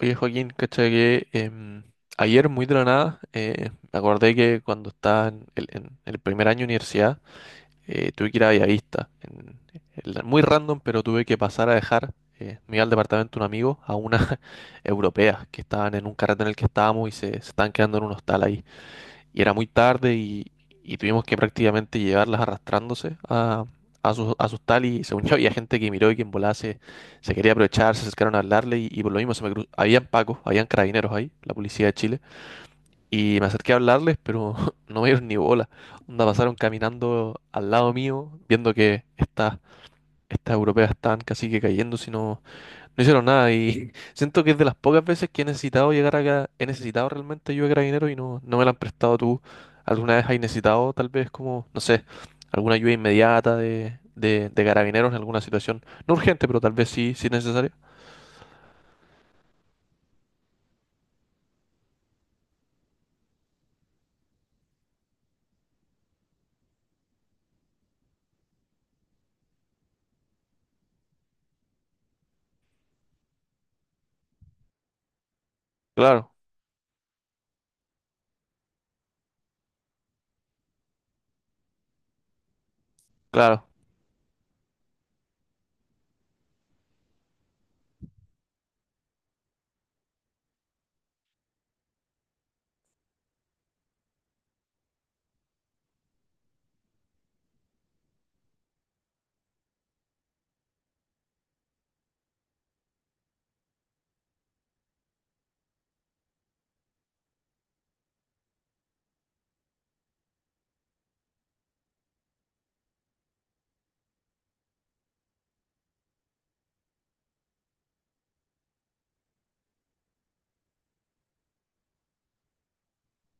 Oye, Joaquín, caché que ayer muy de la nada me acordé que cuando estaba en el primer año de universidad, tuve que ir a Bellavista. Muy random, pero tuve que pasar a dejar, me iba al departamento de un amigo, a una europea que estaban en un carrete en el que estábamos y se estaban quedando en un hostal ahí y era muy tarde y tuvimos que prácticamente llevarlas arrastrándose a sus tal y según yo había gente que miró y que en volada se quería aprovechar, se acercaron a hablarle y por lo mismo se me cruzó. Habían pacos, habían carabineros ahí, la policía de Chile, y me acerqué a hablarles, pero no me dieron ni bola. Onda pasaron caminando al lado mío, viendo que estas europeas estaban casi que cayendo, si no, no hicieron nada y siento que es de las pocas veces que he necesitado llegar acá, he necesitado realmente ayuda de Carabineros y no, no me la han prestado tú. ¿Alguna vez has necesitado tal vez como, no sé, alguna ayuda inmediata de Carabineros en alguna situación? No urgente, pero tal vez sí, sí necesaria. Claro, claro,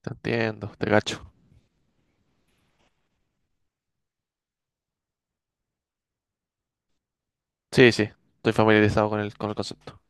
te entiendo, te cacho. Sí, sí, estoy familiarizado con el concepto.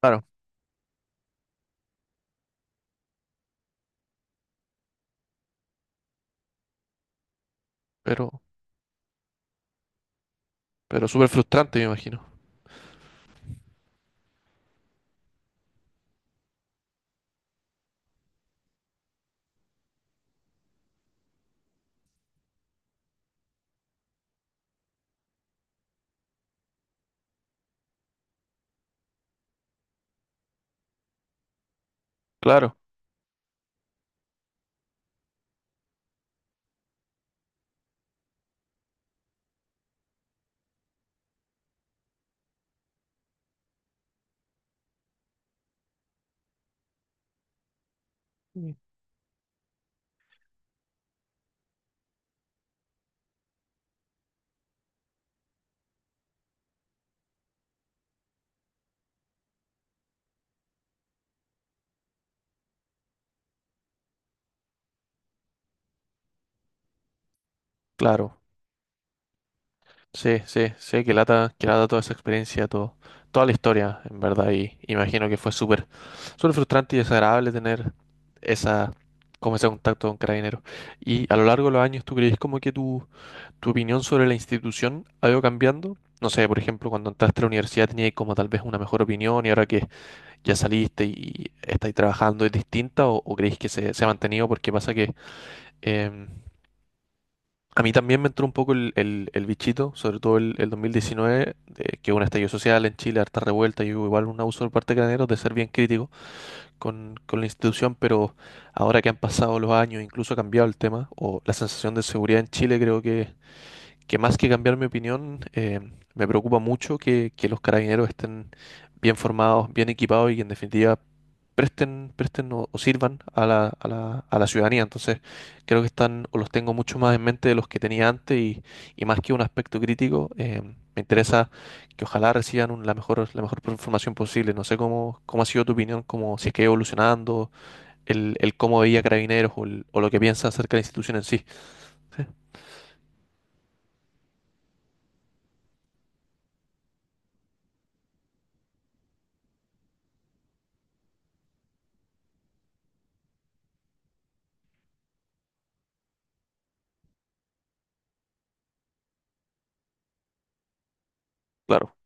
Claro, pero, pero súper frustrante, me imagino. Claro, claro. Sí, sí, sí, que lata toda esa experiencia, todo, toda la historia, en verdad, y imagino que fue súper suele frustrante y desagradable tener esa, como ese contacto con Carabineros. Y a lo largo de los años, ¿tú crees como que tu opinión sobre la institución ha ido cambiando? No sé, por ejemplo, cuando entraste a la universidad tenías como tal vez una mejor opinión y ahora que ya saliste y estáis trabajando es distinta o creéis que se ha mantenido porque pasa que em, a mí también me entró un poco el bichito, sobre todo el 2019, de que hubo un estallido social en Chile, harta revuelta y hubo igual un abuso por parte de Carabineros de ser bien crítico con la institución, pero ahora que han pasado los años, incluso ha cambiado el tema, o la sensación de seguridad en Chile creo que más que cambiar mi opinión, me preocupa mucho que los carabineros estén bien formados, bien equipados y que en definitiva presten, presten o sirvan a la, a la, a la ciudadanía. Entonces, creo que están o los tengo mucho más en mente de los que tenía antes y más que un aspecto crítico, me interesa que ojalá reciban la mejor información posible. No sé cómo, cómo ha sido tu opinión, como si es que ha ido evolucionando, el cómo veía carabineros o, o lo que piensa acerca de la institución en sí. Sí, claro,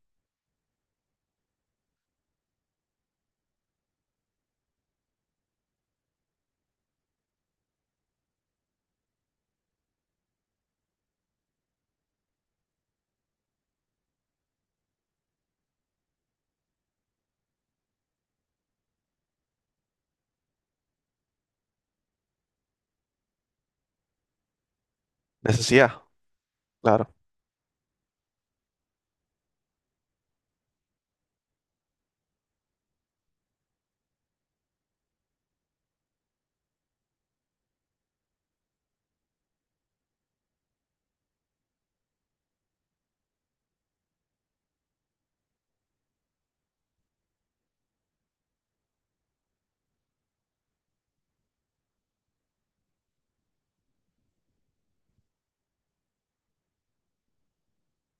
necesidad, claro.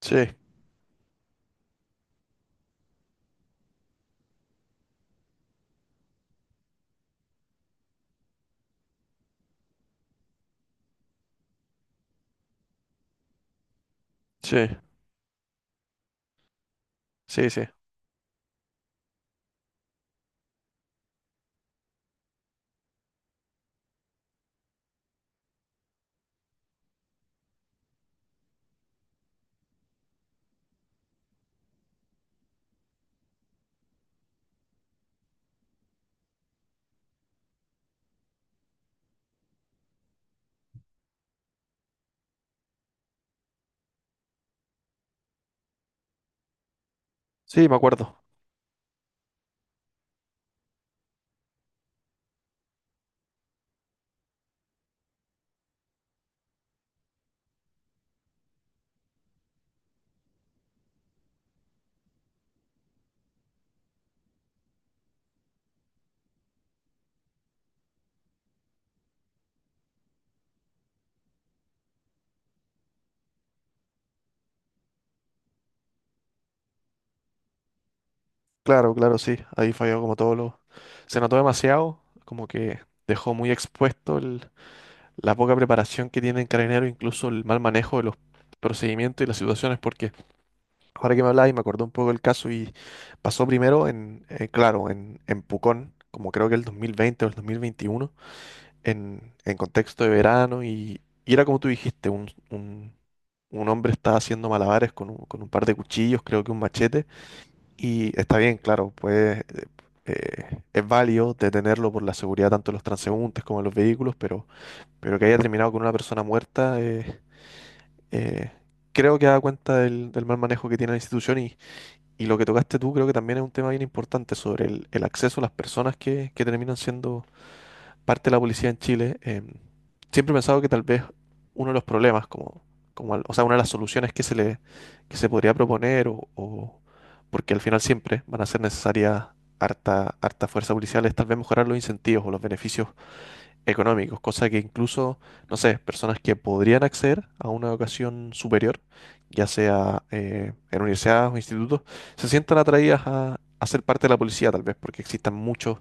Sí. Sí, sí, sí. Sí, me acuerdo. Claro, claro, sí. Ahí falló como todo lo… Se notó demasiado, como que dejó muy expuesto la poca preparación que tiene en Carabineros, incluso el mal manejo de los procedimientos y las situaciones, porque ahora que me habláis me acordé un poco del caso y pasó primero en, claro, en Pucón, como creo que el 2020 o el 2021, en contexto de verano y era como tú dijiste, un hombre estaba haciendo malabares con un par de cuchillos, creo que un machete. Y está bien, claro, pues es válido detenerlo por la seguridad tanto de los transeúntes como de los vehículos, pero que haya terminado con una persona muerta, eh, creo que da cuenta del, del mal manejo que tiene la institución y lo que tocaste tú creo que también es un tema bien importante sobre el acceso a las personas que terminan siendo parte de la policía en Chile, siempre he pensado que tal vez uno de los problemas, como, como o sea, una de las soluciones que se le, que se podría proponer, porque al final siempre van a ser necesarias harta, harta fuerza policial, es tal vez mejorar los incentivos o los beneficios económicos, cosa que incluso, no sé, personas que podrían acceder a una educación superior, ya sea en universidades o institutos, se sientan atraídas a ser parte de la policía, tal vez, porque existan muchos,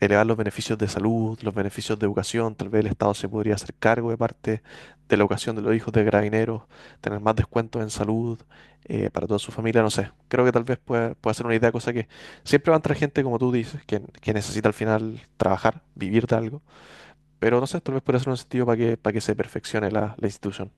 elevar los beneficios de salud, los beneficios de educación, tal vez el Estado se podría hacer cargo de parte de la educación de los hijos de carabineros, tener más descuentos en salud para toda su familia, no sé, creo que tal vez pueda, pueda ser una idea, cosa que siempre va a entrar gente, como tú dices, que necesita al final trabajar, vivir de algo, pero no sé, tal vez puede ser un sentido para que se perfeccione la, la institución.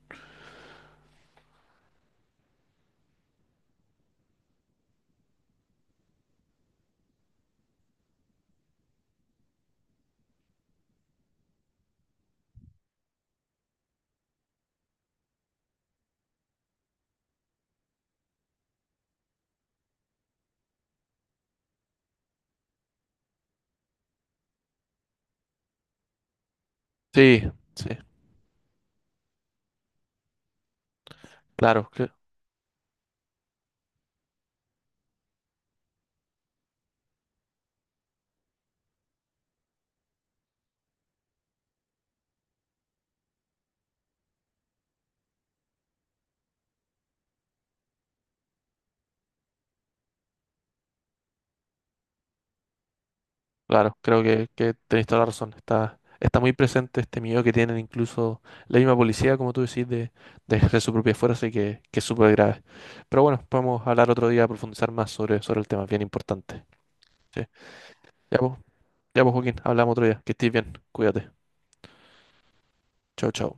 Sí, sí, claro, claro, creo que tenéis toda la razón. Está, está muy presente este miedo que tienen incluso la misma policía, como tú decís, de ejercer su propia fuerza y que es súper grave. Pero bueno, podemos hablar otro día, profundizar más sobre, sobre el tema, es bien importante. Sí. Ya pues, ya pues, Joaquín, hablamos otro día. Que estés bien, cuídate. Chao, chao.